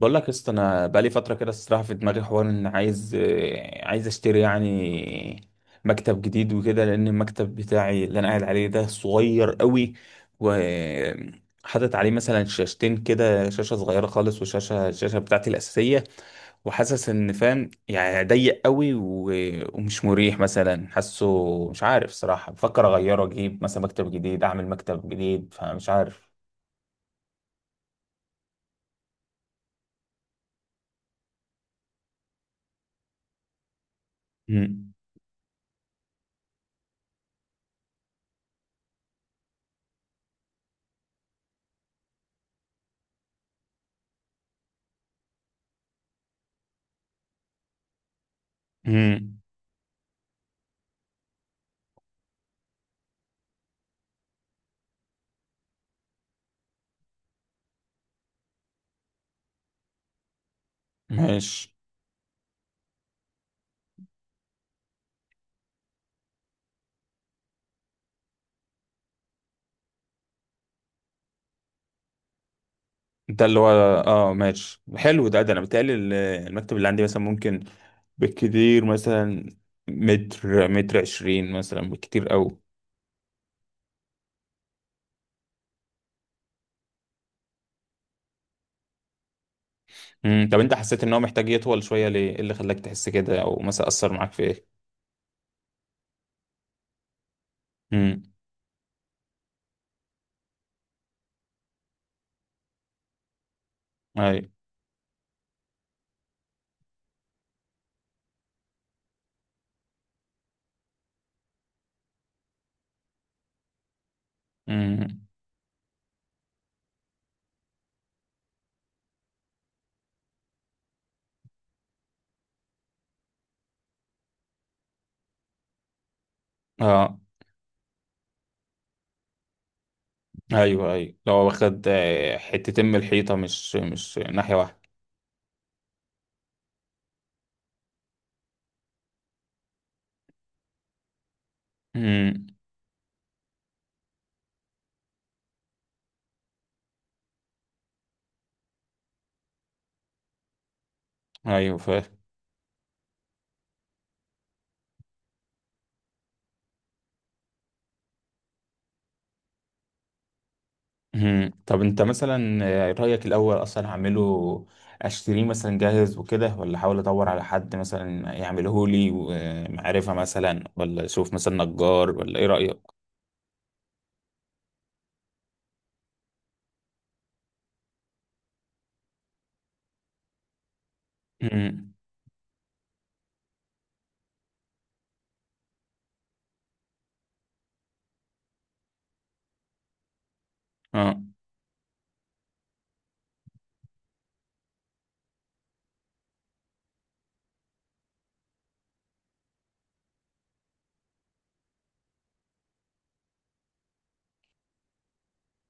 بقول لك يا اسطى، انا بقالي فتره كده. الصراحه في دماغي حوار ان عايز اشتري، يعني، مكتب جديد وكده. لان المكتب بتاعي اللي انا قاعد عليه ده صغير قوي، وحاطط عليه مثلا شاشتين كده، شاشه صغيره خالص. الشاشه بتاعتي الاساسيه، وحاسس ان، فاهم يعني، ضيق قوي و- ومش مريح مثلا. حاسه مش عارف صراحه، بفكر اغيره، اجيب مثلا مكتب جديد، اعمل مكتب جديد، فمش عارف. امم ماشي. ده اللي هو، اه ماشي، حلو. ده انا بتهيألي المكتب اللي عندي مثلا ممكن، بالكتير مثلا، متر متر عشرين مثلا، بالكتير قوي. طب انت حسيت ان هو محتاج يطول شوية ليه؟ ايه اللي خلاك تحس كده، او مثلا اثر معاك في ايه؟ امم اي. امم اه. ايوه، ايوه، لو واخد حتتين من الحيطة، مش ناحية واحدة. امم ايوه، فاهم. مم. طب انت مثلا، رأيك الأول أصلا هعمله، أشتريه مثلا جاهز وكده، ولا أحاول أدور على حد مثلا يعمله لي ومعرفة مثلا، ولا أشوف مثلا نجار؟ ولا إيه رأيك؟ مم. آه.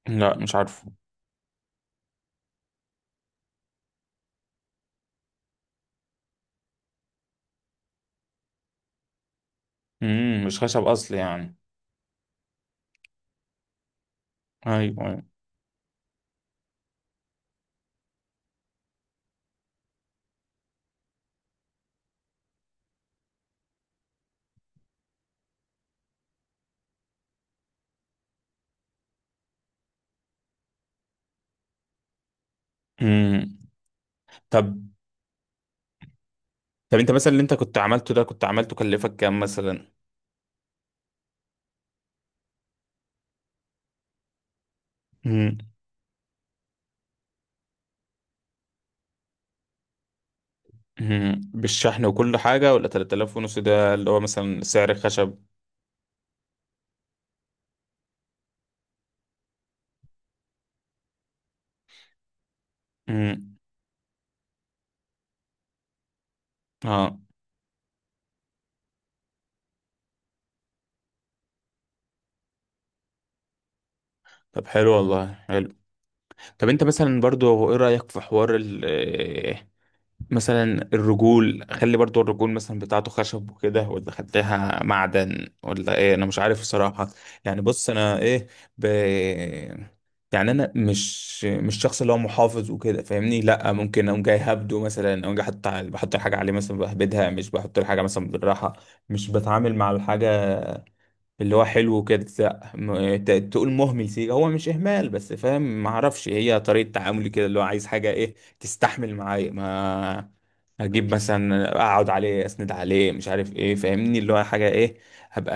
لا، مش عارفه. مم. مش خشب أصل يعني؟ أيوه، أيوه. مم. طب طب أنت مثلا، اللي أنت كنت عملته ده، كنت عملته كلفك كام مثلا؟ مم. مم. بالشحن وكل حاجة، ولا 3000 ونص ده اللي هو مثلا سعر الخشب؟ مم. آه. طب حلو والله. طب انت مثلا، برضو، هو ايه رأيك في حوار مثلا الرجول، خلي برضو الرجول مثلا بتاعته خشب وكده، ولا خليها معدن، ولا ايه؟ انا مش عارف الصراحة. يعني بص انا ايه، ب... يعني انا مش شخص اللي هو محافظ وكده، فاهمني؟ لا، ممكن اقوم جاي هبده مثلا، اقوم جاي بحط الحاجة عليه مثلا، بهبدها، مش بحط الحاجة مثلا بالراحة، مش بتعامل مع الحاجة اللي هو حلو كده. لا تقول مهمل سيكا، هو مش اهمال، بس فاهم، ما اعرفش، هي طريقه تعاملي كده، اللي هو عايز حاجه ايه تستحمل معايا. ما اجيب مثلا، اقعد عليه، اسند عليه، مش عارف ايه، فاهمني؟ اللي هو حاجه ايه هبقى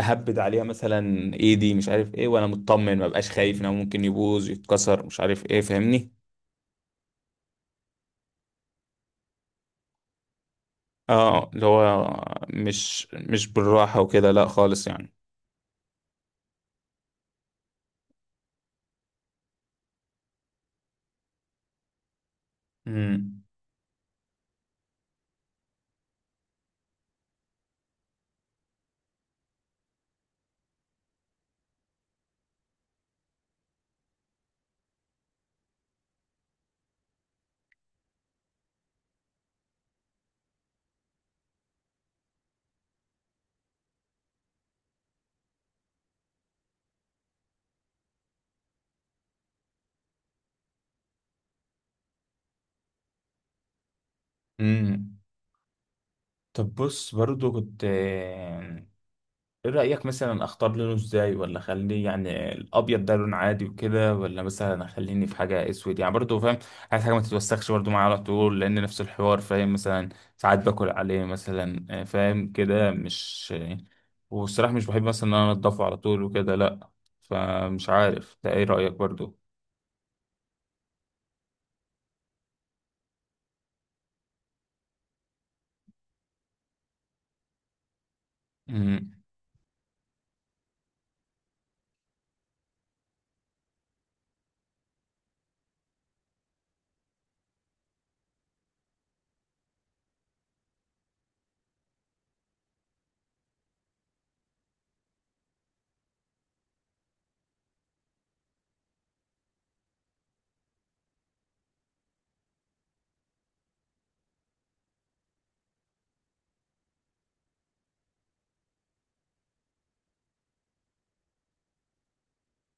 اهبد عليها مثلا ايدي، مش عارف ايه، وانا مطمن، ما بقاش خايف ان هو ممكن يبوظ يتكسر، مش عارف ايه، فاهمني؟ اه، اللي هو مش بالراحه وكده، لا خالص يعني. امم امم طب بص، برضو كنت، ايه رأيك مثلا اختار لونه ازاي؟ ولا اخليه، يعني الابيض ده لون عادي وكده، ولا مثلا اخليني في حاجة اسود؟ يعني برضو فاهم، عايز حاجة ما تتوسخش برضو معايا على طول، لان نفس الحوار، فاهم مثلا ساعات باكل عليه مثلا، فاهم كده مش. والصراحة مش بحب مثلا ان انا انضفه على طول وكده، لا. فمش عارف ده، ايه رأيك برضو؟ مم.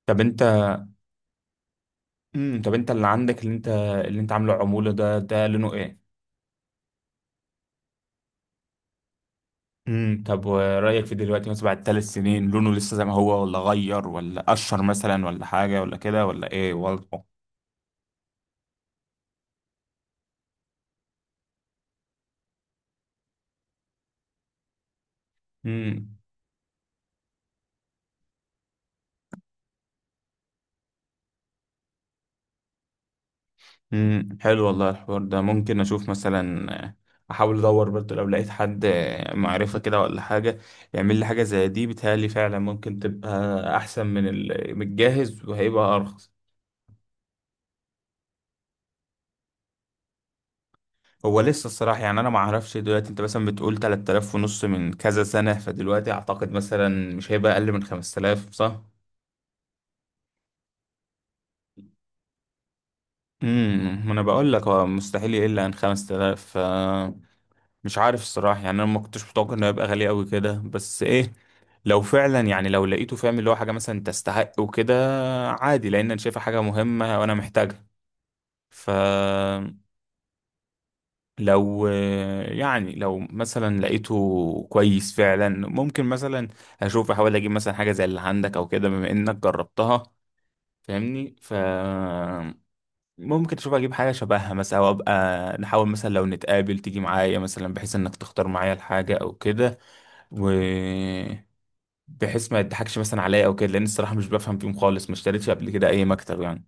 طب انت طب انت اللي عندك، اللي انت عامله عمولة ده، ده لونه ايه؟ طب ورأيك في دلوقتي، مثلا بعد 3 سنين، لونه لسه زي ما هو، ولا غير، ولا قشر مثلا، ولا حاجة، ولا كده، ولا ايه وضعه؟ امم حلو والله. الحوار ده ممكن اشوف مثلا، احاول ادور برضه لو لقيت حد، معرفة كده ولا حاجة، يعمل لي حاجة زي دي. بيتهيألي فعلا ممكن تبقى احسن من من الجاهز، وهيبقى ارخص. هو لسه الصراحة يعني، أنا ما أعرفش دلوقتي. أنت مثلا بتقول 3000 ونص من كذا سنة، فدلوقتي أعتقد مثلا مش هيبقى أقل من 5000، صح؟ ما انا بقول لك هو مستحيل يقل عن 5000. ف مش عارف الصراحه يعني، انا ما كنتش متوقع انه يبقى غالي قوي كده، بس ايه، لو فعلا يعني، لو لقيته، فاهم، اللي هو حاجه مثلا تستحق وكده، عادي، لان انا شايفها حاجه مهمه وانا محتاجها. ف لو يعني، لو مثلا لقيته كويس فعلا، ممكن مثلا اشوف، احاول اجيب مثلا حاجه زي اللي عندك او كده، بما انك جربتها، فاهمني؟ ف ممكن تشوف اجيب حاجه شبهها مثلا، او ابقى نحاول مثلا لو نتقابل، تيجي معايا مثلا بحيث انك تختار معايا الحاجه او كده، و بحيث ما يضحكش مثلا عليا او كده، لان الصراحه مش بفهم فيهم خالص، ما اشتريتش قبل كده اي مكتب يعني.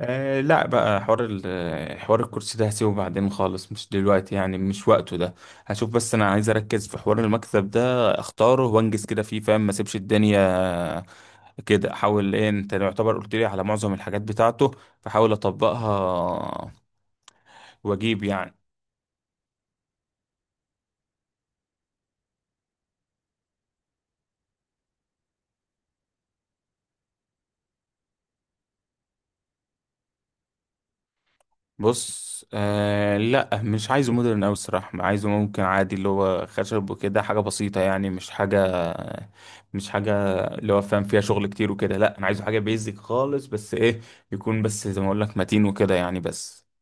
أه لا، بقى حوار حوار الكرسي ده هسيبه بعدين خالص، مش دلوقتي يعني، مش وقته ده. هشوف، بس انا عايز اركز في حوار المكتب ده، اختاره وانجز كده فيه، فاهم؟ ما اسيبش الدنيا كده. احاول ايه، انت يعتبر قلت لي على معظم الحاجات بتاعته، فحاول اطبقها واجيب يعني. بص، آه، لا مش عايزه مودرن أوي الصراحة. عايزه ممكن عادي، اللي هو خشب وكده، حاجة بسيطة، يعني مش حاجة، مش حاجة اللي هو فاهم فيها شغل كتير وكده، لا. أنا عايزه حاجة بيزك خالص، بس إيه، يكون بس زي ما أقول لك متين وكده، يعني بس.